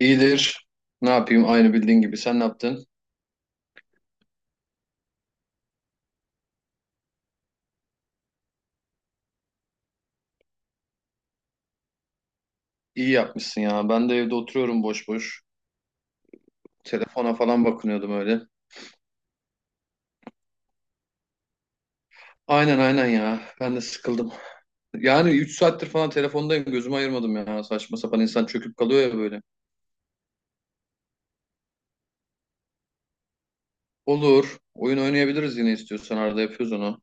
İyidir. Ne yapayım? Aynı bildiğin gibi. Sen ne yaptın? İyi yapmışsın ya. Ben de evde oturuyorum boş boş. Telefona falan bakınıyordum öyle. Aynen aynen ya. Ben de sıkıldım. Yani 3 saattir falan telefondayım. Gözümü ayırmadım ya. Saçma sapan insan çöküp kalıyor ya böyle. Olur. Oyun oynayabiliriz yine istiyorsan. Arada yapıyoruz onu.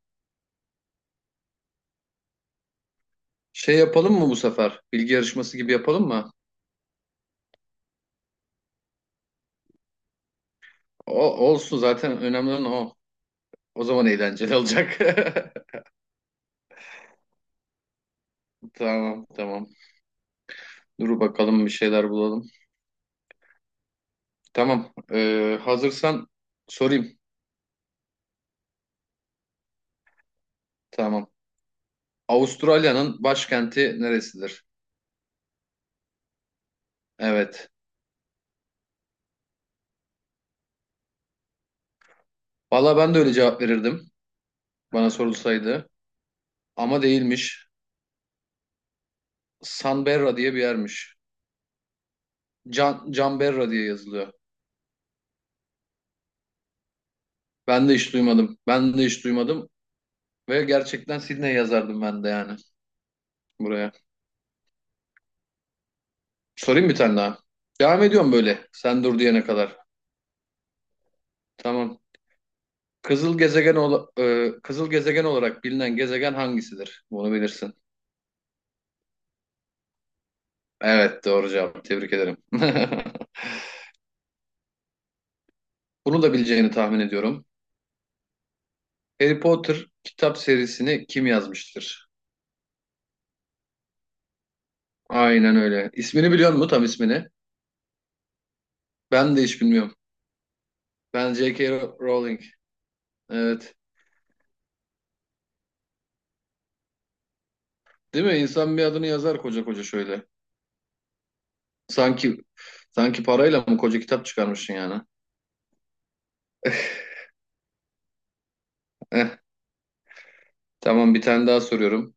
Şey yapalım mı bu sefer? Bilgi yarışması gibi yapalım mı? O, olsun zaten önemli olan o. O zaman eğlenceli olacak. Tamam tamam. Dur bakalım bir şeyler bulalım. Tamam. Hazırsan sorayım. Tamam. Avustralya'nın başkenti neresidir? Evet. Valla ben de öyle cevap verirdim bana sorulsaydı. Ama değilmiş. Canberra diye bir yermiş. Can, Canberra diye yazılıyor. Ben de hiç duymadım. Ben de hiç duymadım. Ve gerçekten Sydney yazardım ben de yani buraya. Sorayım bir tane daha. Devam ediyorum böyle. Sen dur diyene kadar. Tamam. Kızıl gezegen olarak bilinen gezegen hangisidir? Bunu bilirsin. Evet, doğru cevap. Tebrik ederim. Bunu da bileceğini tahmin ediyorum. Harry Potter kitap serisini kim yazmıştır? Aynen öyle. İsmini biliyor musun, tam ismini? Ben de hiç bilmiyorum. Ben J.K. Rowling. Evet. Değil mi? İnsan bir adını yazar koca koca şöyle. Sanki sanki parayla mı koca kitap çıkarmışsın yani? Eh, tamam, bir tane daha soruyorum.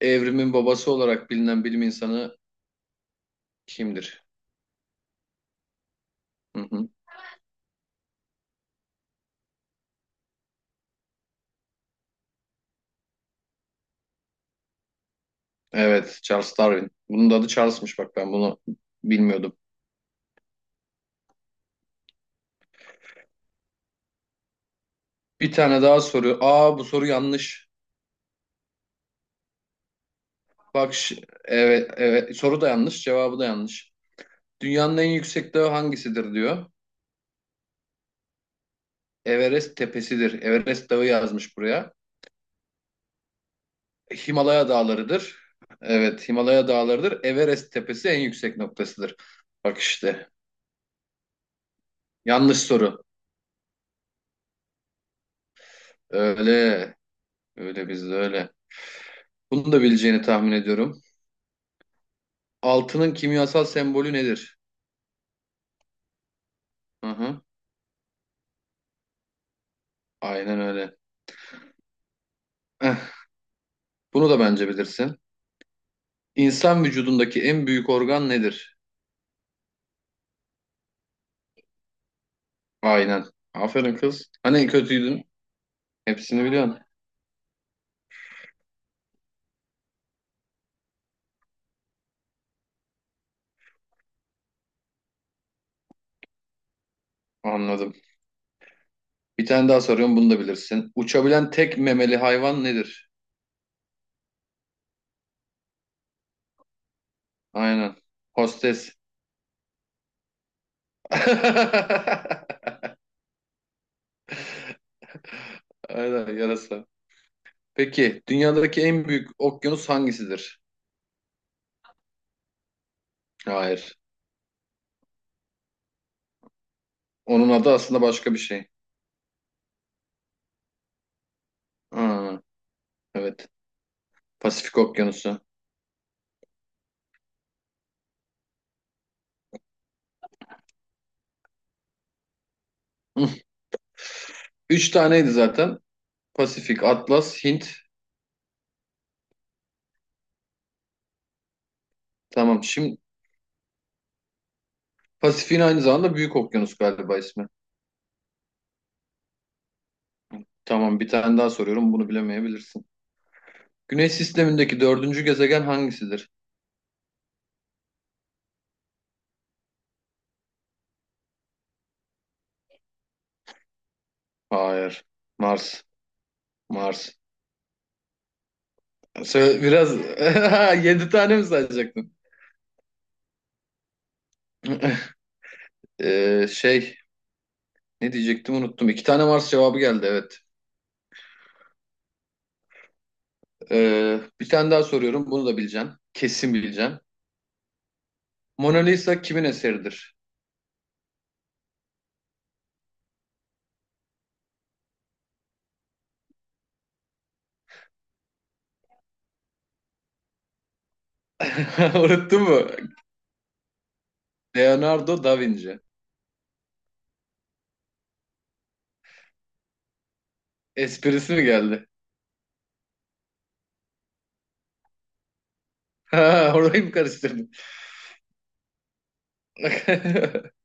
Evrimin babası olarak bilinen bilim insanı kimdir? Hı hı. Evet, Charles Darwin. Bunun da adı Charles'mış, bak ben bunu bilmiyordum. Bir tane daha soru. Aa, bu soru yanlış. Bak evet, evet, soru da yanlış, cevabı da yanlış. Dünyanın en yüksek dağı hangisidir diyor. Everest tepesidir. Everest dağı yazmış buraya. Himalaya dağlarıdır. Evet, Himalaya dağlarıdır. Everest tepesi en yüksek noktasıdır. Bak işte. Yanlış soru. Öyle. Öyle bizde, öyle. Bunu da bileceğini tahmin ediyorum. Altının kimyasal sembolü nedir? Hı hı. Aynen öyle. Eh, bunu da bence bilirsin. İnsan vücudundaki en büyük organ nedir? Aynen. Aferin kız. Hani kötüydün? Hepsini biliyorsun. Anladım. Bir tane daha soruyorum, bunu da bilirsin. Uçabilen tek memeli hayvan nedir? Aynen. Hostes. Aynen, yarasa. Peki dünyadaki en büyük okyanus hangisidir? Hayır. Onun adı aslında başka bir şey. Ha, evet. Pasifik Okyanusu. Üç taneydi zaten. Pasifik, Atlas, Hint. Tamam. Şimdi Pasifik'in aynı zamanda Büyük Okyanus galiba ismi. Tamam, bir tane daha soruyorum, bunu bilemeyebilirsin. Güneş sistemindeki dördüncü gezegen hangisidir? Hayır. Mars. Mars. Biraz yedi tane mi sayacaktın? Ee, şey Ne diyecektim, unuttum. İki tane Mars cevabı geldi, evet. Bir tane daha soruyorum, bunu da bileceksin. Kesin bileceksin. Mona Lisa kimin eseridir? Unuttun mu? Leonardo da Vinci. Esprisi mi geldi? Ha, orayı mı karıştırdın?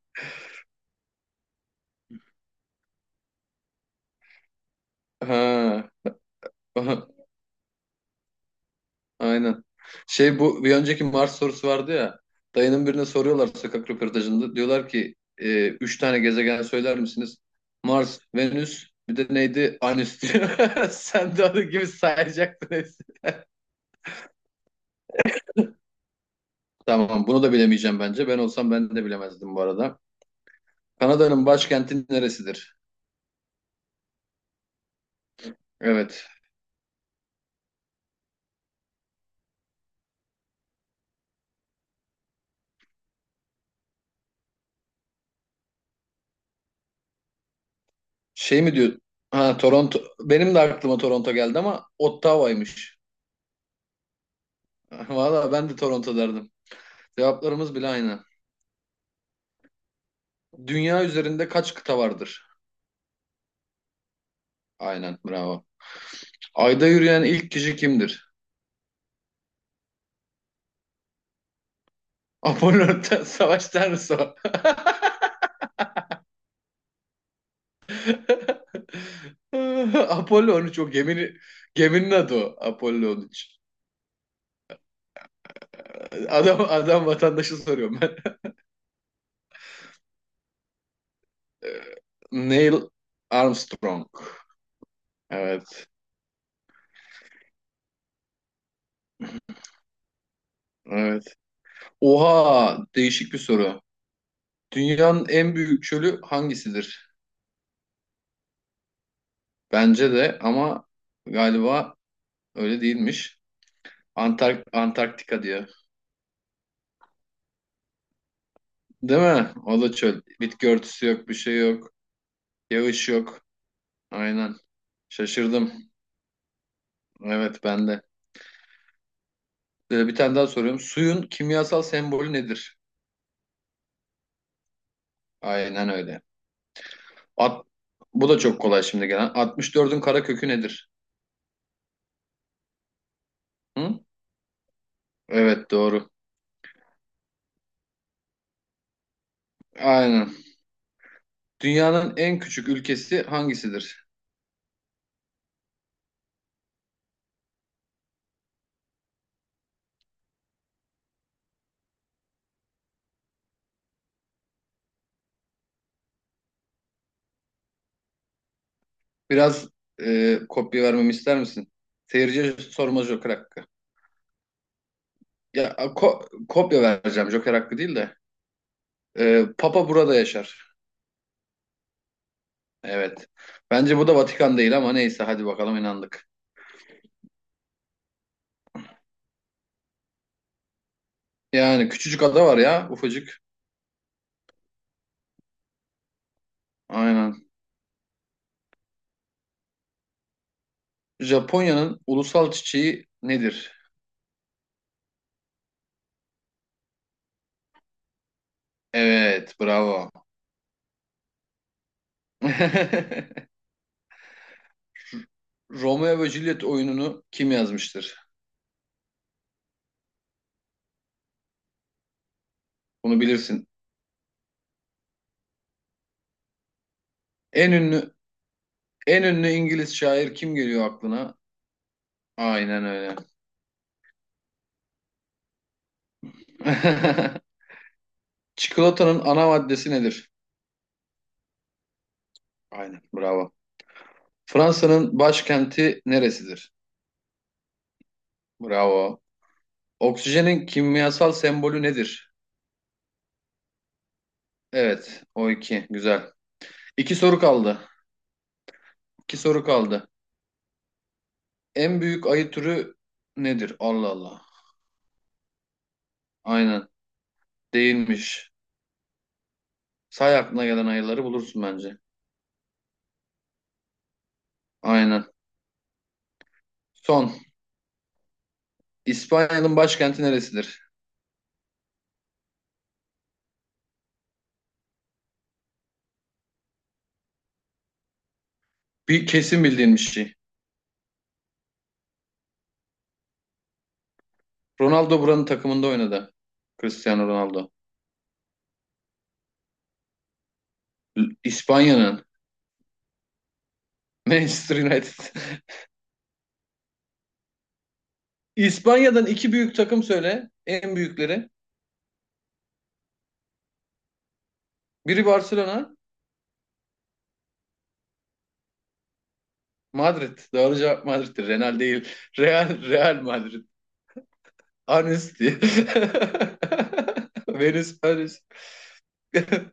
Ha, aynen. Şey, bu bir önceki Mars sorusu vardı ya. Dayının birine soruyorlar sokak röportajında. Diyorlar ki üç tane gezegen söyler misiniz? Mars, Venüs, bir de neydi? Anüs diyor. Sen de onun gibi sayacaktın hepsini. Tamam, bunu da bilemeyeceğim bence. Ben olsam ben de bilemezdim bu arada. Kanada'nın başkenti neresidir? Evet. Şey mi diyor? Ha, Toronto. Benim de aklıma Toronto geldi ama Ottawa'ymış. Valla ben de Toronto derdim. Cevaplarımız bile aynı. Dünya üzerinde kaç kıta vardır? Aynen, bravo. Ayda yürüyen ilk kişi kimdir? Apollo, Savaş Tanrısı o. Apollo 13 o geminin, geminin adı o. Apollo 13. Adam, adam vatandaşı soruyorum ben. Neil Armstrong. Evet. Evet. Oha, değişik bir soru. Dünyanın en büyük çölü hangisidir? Bence de ama galiba öyle değilmiş. Antarktika diye. Değil mi? O da çöl. Bitki örtüsü yok, bir şey yok. Yağış yok. Aynen. Şaşırdım. Evet, ben de. Bir tane daha soruyorum. Suyun kimyasal sembolü nedir? Aynen öyle. At, bu da çok kolay şimdi gelen. 64'ün kara kökü nedir? Hı? Evet, doğru. Aynen. Dünyanın en küçük ülkesi hangisidir? Biraz kopya vermemi ister misin? Seyirciye sorma Joker hakkı. Ya kopya vereceğim Joker hakkı değil de. Papa burada yaşar. Evet. Bence bu da Vatikan değil ama neyse hadi bakalım, inandık. Yani küçücük ada var ya, ufacık. Aynen. Japonya'nın ulusal çiçeği nedir? Evet, bravo. Romeo ve Juliet oyununu kim yazmıştır? Bunu bilirsin. En ünlü en ünlü İngiliz şair kim geliyor aklına? Aynen öyle. Çikolatanın ana maddesi nedir? Aynen, bravo. Fransa'nın başkenti neresidir? Bravo. Oksijenin kimyasal sembolü nedir? Evet, o iki. Güzel. İki soru kaldı. İki soru kaldı. En büyük ayı türü nedir? Allah Allah. Aynen. Değilmiş. Say, aklına gelen ayıları bulursun bence. Aynen. Son. İspanya'nın başkenti neresidir? Bir kesin bildiğin bir şey. Ronaldo buranın takımında oynadı. Cristiano Ronaldo. İspanya'nın. Manchester United. İspanya'dan iki büyük takım söyle. En büyükleri. Biri Barcelona. Madrid. Doğru cevap Madrid'dir. Real değil. Real, Real Madrid. Anüs diye. Venüs, Anüs.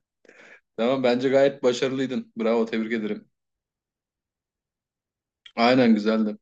Tamam, bence gayet başarılıydın. Bravo, tebrik ederim. Aynen, güzeldi.